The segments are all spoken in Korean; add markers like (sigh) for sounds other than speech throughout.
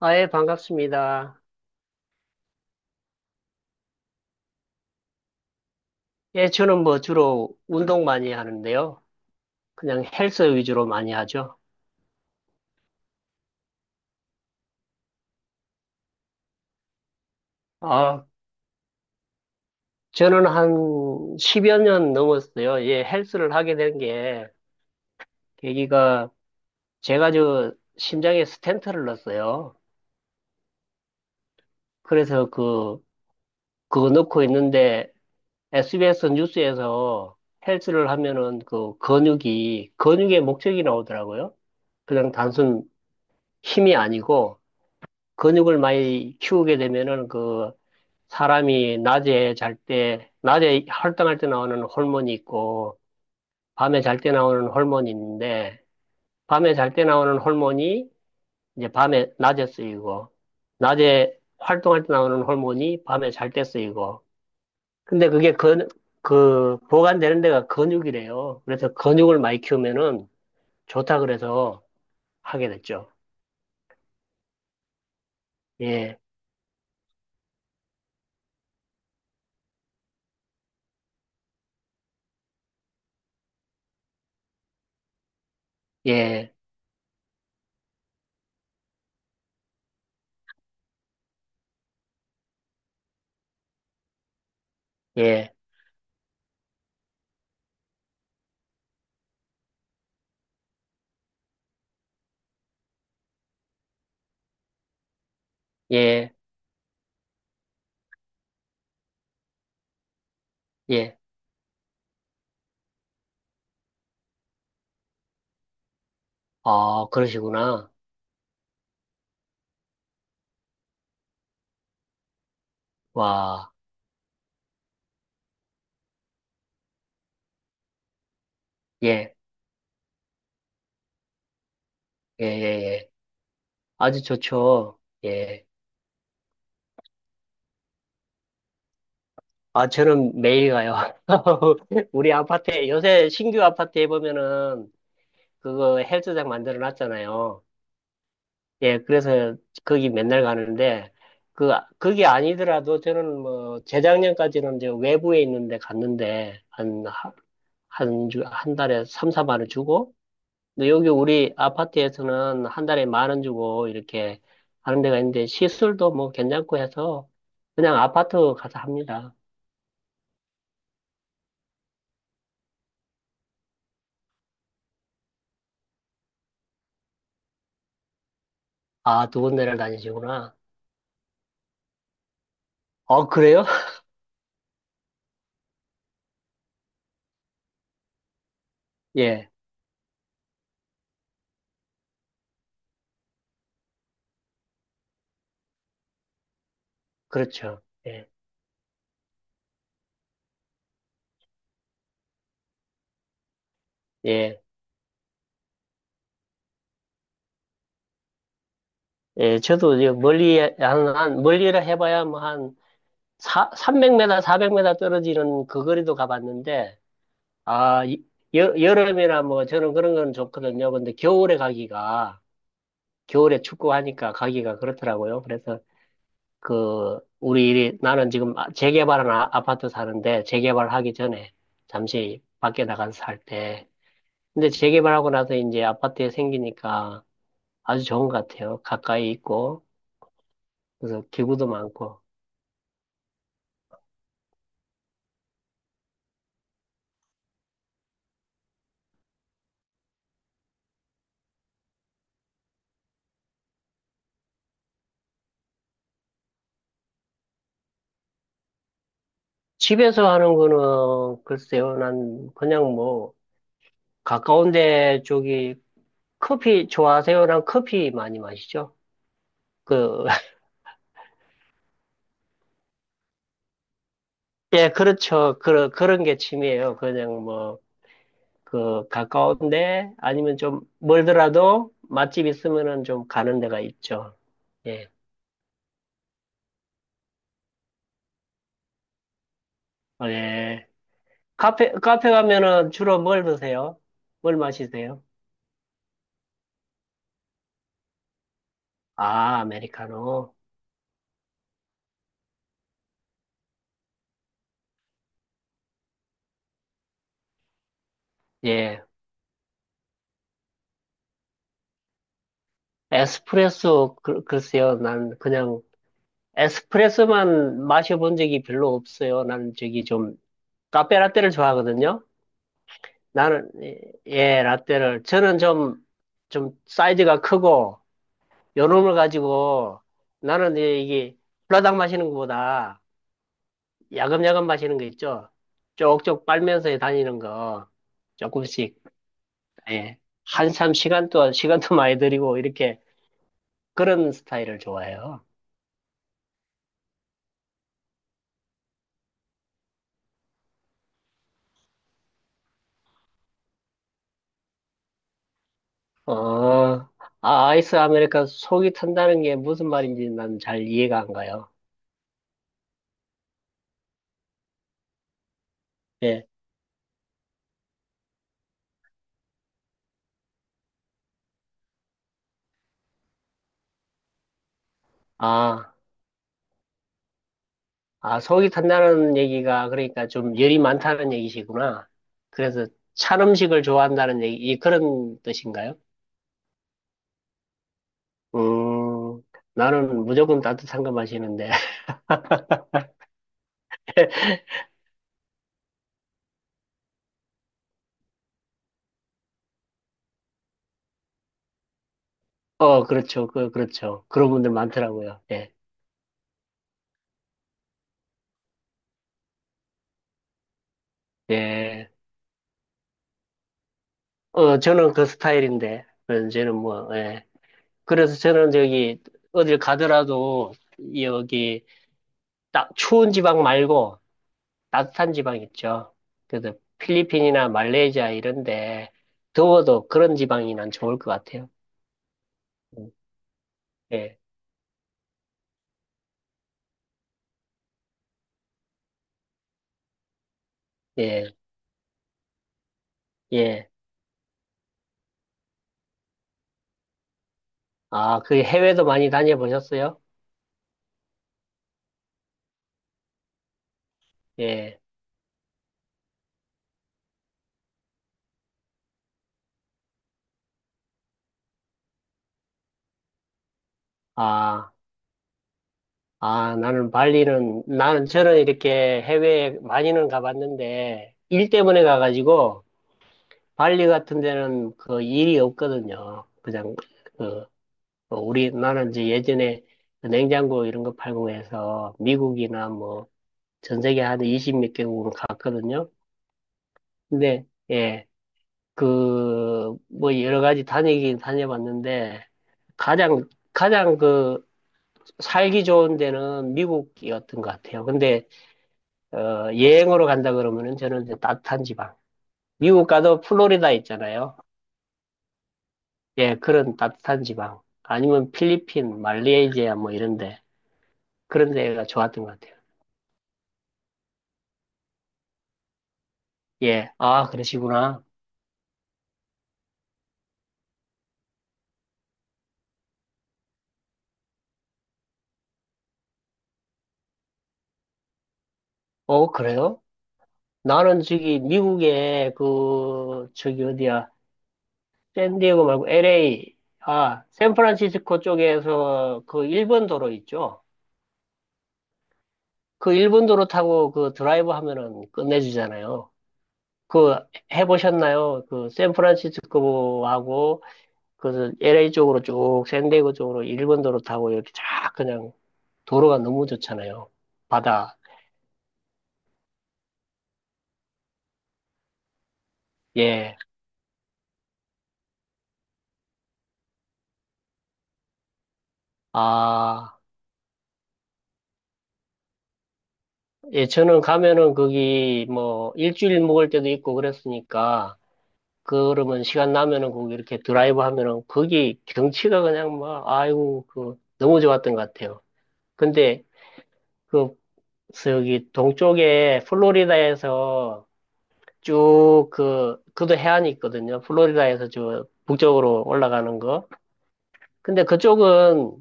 아, 예, 반갑습니다. 예, 저는 뭐 주로 운동 많이 하는데요. 그냥 헬스 위주로 많이 하죠. 아, 저는 한 십여 년 넘었어요. 예, 헬스를 하게 된 게, 계기가, 제가 저 심장에 스탠트를 넣었어요. 그래서 그, 그거 넣고 있는데, SBS 뉴스에서 헬스를 하면은 그 근육이, 근육의 목적이 나오더라고요. 그냥 단순 힘이 아니고, 근육을 많이 키우게 되면은 그 사람이 낮에 잘 때, 낮에 활동할 때 나오는 호르몬이 있고, 밤에 잘 때 나오는 호르몬이 있는데, 밤에 잘 때 나오는 호르몬이 이제 밤에, 낮에 쓰이고, 낮에 활동할 때 나오는 호르몬이 밤에 잘 때 쓰이고, 근데 그, 보관되는 데가 근육이래요. 그래서 근육을 많이 키우면은 좋다 그래서 하게 됐죠. 예, 예, 예, 예, 예. 아, 그러시구나. 와, 예, 예, 예, 예. 아주 좋죠. 예. 아, 저는 매일 가요. (laughs) 우리 아파트에, 요새 신규 아파트에 보면은 그거 헬스장 만들어 놨잖아요. 예, 그래서 거기 맨날 가는데, 그, 그게 아니더라도 저는 뭐, 재작년까지는 이제 외부에 있는데 갔는데, 한, 하- 한, 주- 한 달에 3, 4만 원 주고, 근데 여기 우리 아파트에서는 한 달에 만 원 주고 이렇게 하는 데가 있는데 시술도 뭐 괜찮고 해서 그냥 아파트 가서 합니다. 아, 두 군데를 다니시구나. 어, 그래요? (laughs) 예, 그렇죠. 예, 예, 예, 저도 이제 멀리, 멀리라 해봐야 뭐 300m, 400m 떨어지는 그 거리도 가봤는데, 아, 이- 여, 여름이나 뭐 저는 그런 건 좋거든요. 근데 겨울에 가기가, 겨울에 축구하니까 가기가 그렇더라고요. 그래서 그, 우리 일이, 나는 지금 재개발한 아파트 사는데, 재개발하기 전에 잠시 밖에 나가서 살 때. 근데 재개발하고 나서 이제 아파트에 생기니까 아주 좋은 것 같아요. 가까이 있고, 그래서 기구도 많고. 집에서 하는 거는 글쎄요, 난 그냥 뭐, 가까운 데 쪽이 커피 좋아하세요? 난 커피 많이 마시죠. 그, (laughs) 예, 그렇죠. 그런 게 취미예요. 그냥 뭐, 그 가까운데 아니면 좀 멀더라도 맛집 있으면은 좀 가는 데가 있죠. 예. 어, 예. 카페 가면은 주로 뭘 드세요? 뭘 마시세요? 아, 아메리카노. 예. 에스프레소 글쎄요. 난 그냥 에스프레소만 마셔본 적이 별로 없어요. 난 저기 좀 카페 라떼를 좋아하거든요. 나는 예, 예, 라떼를 저는 좀 사이즈가 크고 요놈을 가지고 나는 이제 이게 불라당 마시는 것보다 야금야금 마시는 거 있죠. 쪽쪽 빨면서 다니는 거 조금씩 예. 한참 시간도 (laughs) 많이 들이고 이렇게 그런 스타일을 좋아해요. 어, 아, 아이스 아메리카 속이 탄다는 게 무슨 말인지 난 잘 이해가 안 가요. 예. 아, 속이 탄다는 얘기가 그러니까 좀 열이 많다는 얘기시구나. 그래서 찬 음식을 좋아한다는 얘기, 그런 뜻인가요? 음, 나는 무조건 따뜻한 거 마시는데. (laughs) 어, 그렇죠. 그렇죠. 그런 분들 많더라고요. 예. 예. 어, 저는 그 스타일인데. 어, 저는 뭐, 예. 그래서 저는 저기, 어딜 가더라도, 여기, 딱, 추운 지방 말고, 따뜻한 지방 있죠. 그래서 필리핀이나 말레이시아 이런데, 더워도 그런 지방이 난 좋을 것 같아요. 음, 예, 예, 예. 아, 그 해외도 많이 다녀보셨어요? 예. 아, 아, 나는 저는 이렇게 해외에 많이는 가봤는데, 일 때문에 가가지고, 발리 같은 데는 그 일이 없거든요. 그냥, 그, 어, 우리, 나는 이제 예전에 그 냉장고 이런 거 팔고 해서 미국이나 뭐, 전 세계 한 20몇 개국을 갔거든요. 근데, 예, 그, 뭐 여러 가지 다니긴 다녀봤는데, 가장 그, 살기 좋은 데는 미국이었던 것 같아요. 근데, 어, 여행으로 간다 그러면은 저는 이제 따뜻한 지방. 미국 가도 플로리다 있잖아요. 예, 그런 따뜻한 지방. 아니면 필리핀, 말레이시아 뭐 이런데 그런 데가 좋았던 것 같아요. 예, 아 그러시구나. 어 그래요? 나는 저기 미국에 그 저기 어디야? 샌디에고 말고 LA 아 샌프란시스코 쪽에서 그 일본 도로 있죠? 그 일본 도로 타고 그 드라이브 하면은 끝내주잖아요. 그 해보셨나요? 그 샌프란시스코하고 그 LA 쪽으로 쭉 샌디에고 쪽으로 일본도로 타고 이렇게 쫙 그냥 도로가 너무 좋잖아요. 바다. 예. 아, 예, 저는 가면은 거기 뭐 일주일 묵을 때도 있고 그랬으니까 그러면 시간 나면은 거기 이렇게 드라이브 하면은 거기 경치가 그냥 막 아이고 그 너무 좋았던 것 같아요. 근데 그 저기 동쪽에 플로리다에서 쭉 그, 그도 해안이 있거든요. 플로리다에서 저 북쪽으로 올라가는 거. 근데 그쪽은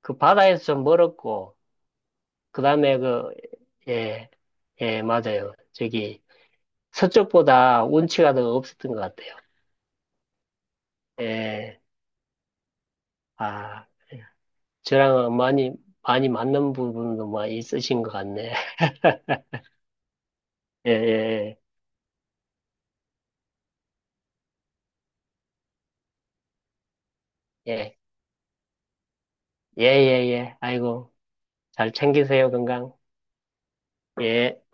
그 바다에서 좀 멀었고, 그 다음에 그, 예, 예, 맞아요. 저기 서쪽보다 운치가 더 없었던 것 같아요. 예, 아, 저랑은 많이 맞는 부분도 많이 있으신 것 같네. (laughs) 예, 예, 예, 예, 예, 예. 예. 아이고, 잘 챙기세요, 건강. 예.